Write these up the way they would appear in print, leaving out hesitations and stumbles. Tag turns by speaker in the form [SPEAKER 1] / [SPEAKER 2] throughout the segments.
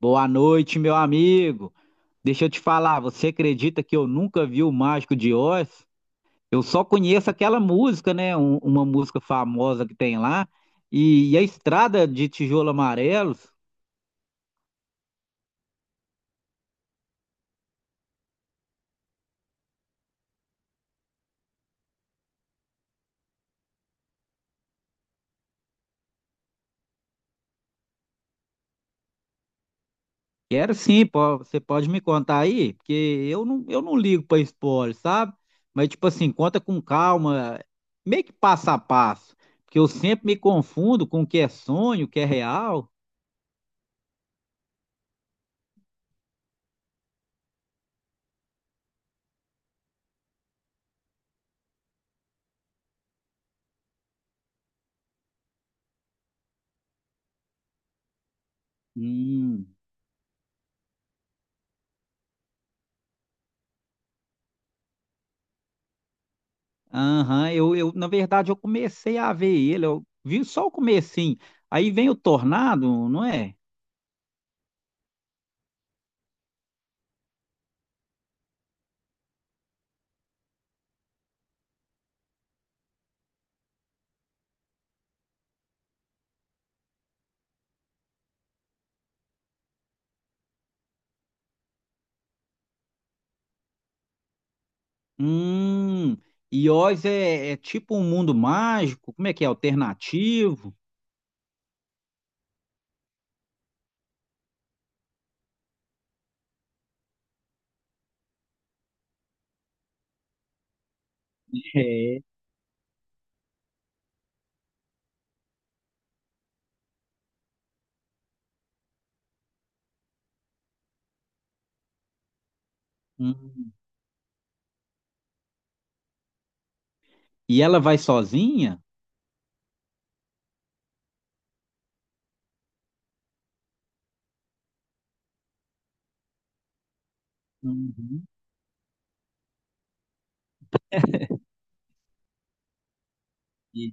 [SPEAKER 1] Boa noite, meu amigo. Deixa eu te falar, você acredita que eu nunca vi o Mágico de Oz? Eu só conheço aquela música, né? Uma música famosa que tem lá. E a Estrada de Tijolo Amarelos. Quero sim, você pode me contar aí? Porque eu não ligo pra spoiler, sabe? Mas, tipo assim, conta com calma, meio que passo a passo. Porque eu sempre me confundo com o que é sonho, o que é real. Hum. Aham, na verdade, eu comecei a ver ele, eu vi só o comecinho. Aí vem o Tornado, não é? Hum, e Oz é tipo um mundo mágico, como é que é? Alternativo? É. Hum. E ela vai sozinha? Uhum. E-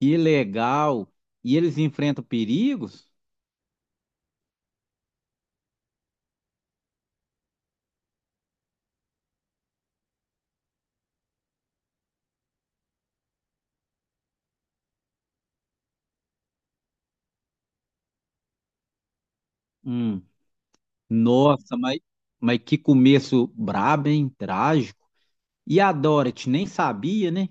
[SPEAKER 1] Que legal! E eles enfrentam perigos? Hum. Nossa, mas que começo brabo, hein? Trágico. E a Dorothy nem sabia, né?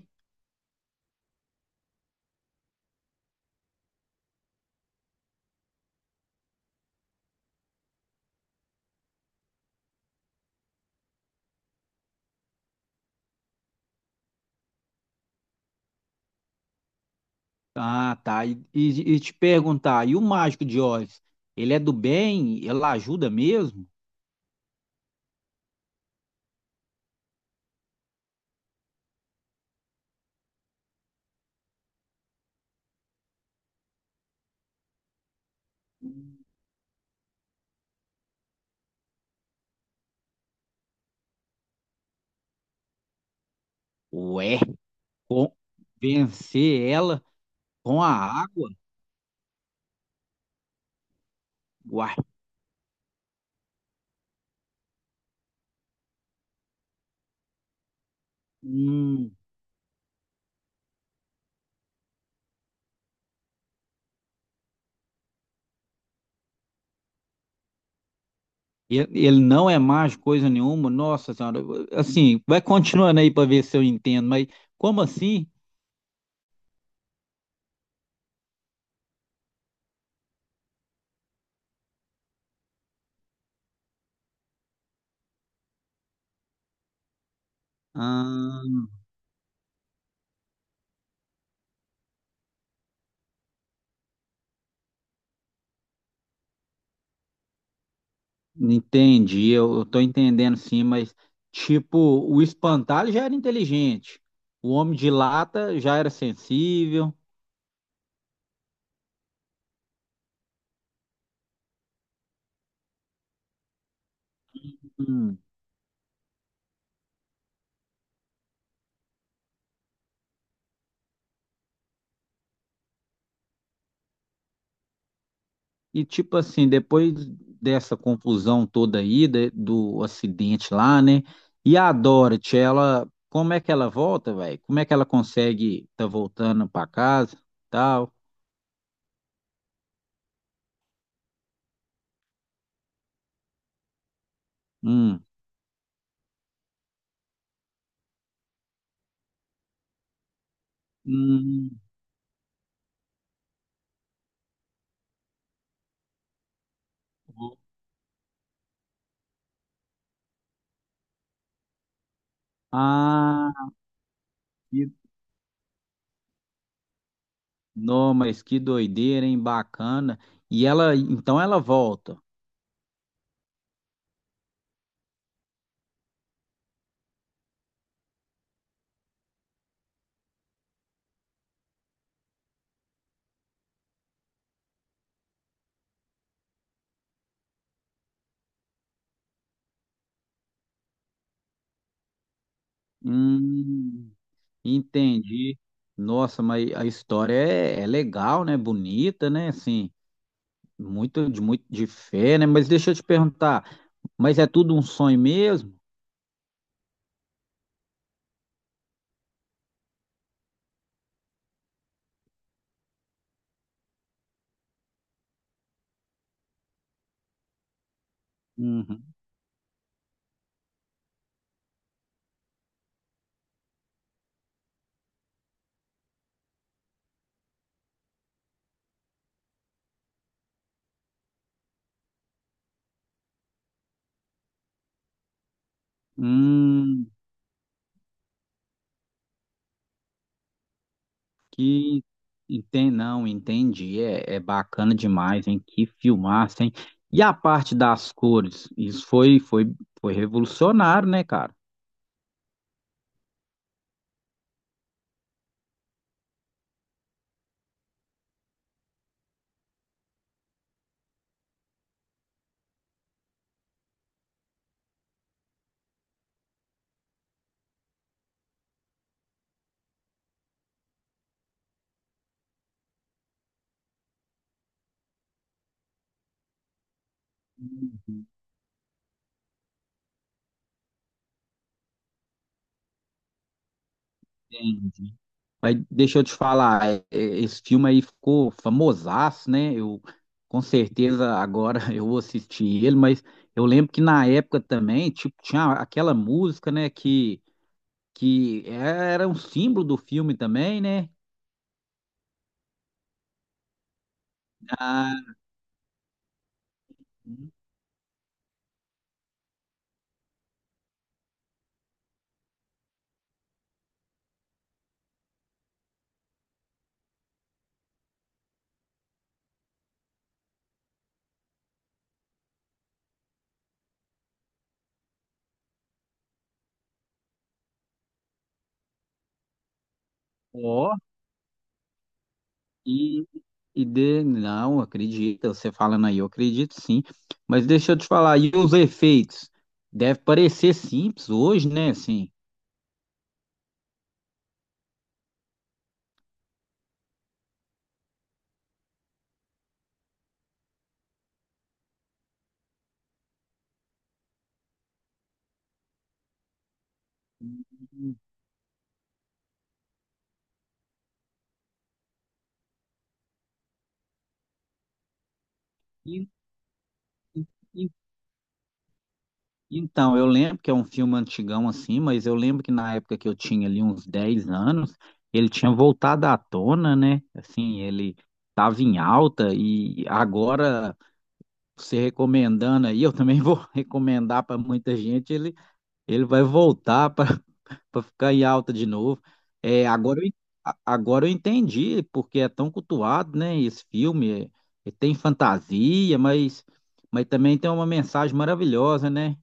[SPEAKER 1] Ah, tá. E te perguntar, e o mágico de Oz? Ele é do bem? Ela ajuda mesmo? Ué, com- vencer ela com a água? Uai. Hum, ele não é mágico coisa nenhuma? Nossa Senhora. Assim, vai continuando aí para ver se eu entendo, mas como assim? Ah, entendi. Eu tô entendendo sim, mas tipo, o espantalho já era inteligente. O homem de lata já era sensível. Hum. E tipo assim, depois dessa confusão toda aí, de- do acidente lá, né? E a Dorothy, ela, como é que ela volta, velho? Como é que ela consegue tá voltando pra casa, tal? Hum. Hum. Ah, que... Não, mas que doideira, hein? Bacana. E ela, então ela volta. Hum, entendi. Nossa, mas a história é legal, né? Bonita, né? Assim, muito muito de fé, né? Mas deixa eu te perguntar, mas é tudo um sonho mesmo? Uhum. Hum, que enten não, entendi. É bacana demais, hein? Que filmaço, hein? E a parte das cores? Isso foi revolucionário, né, cara? Uhum. Mas deixa eu te falar, esse filme aí ficou famosaço, né? Eu com certeza agora eu vou assistir ele, mas eu lembro que na época também, tipo, tinha aquela música, né, que era um símbolo do filme também, né? Ah, ó, e, não, acredita, você falando aí, eu acredito sim. Mas deixa eu te falar, e os efeitos? Deve parecer simples hoje, né, assim. E- então, eu lembro que é um filme antigão assim, mas eu lembro que na época que eu tinha ali uns 10 anos, ele tinha voltado à tona, né? Assim, ele estava em alta e agora você recomendando aí, eu também vou recomendar para muita gente, ele vai voltar para ficar em alta de novo. É, agora, agora eu entendi porque é tão cultuado, né? Esse filme, é, tem fantasia, mas também tem uma mensagem maravilhosa, né?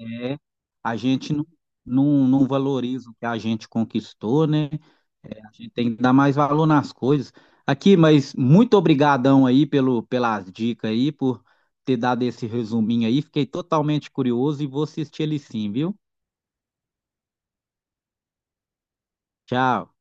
[SPEAKER 1] É, a gente não, não, não valoriza o que a gente conquistou, né? É, a gente tem que dar mais valor nas coisas. Aqui, mas muito obrigadão aí pelo, pelas dicas aí, por ter dado esse resuminho aí. Fiquei totalmente curioso e vou assistir ele sim, viu? Tchau.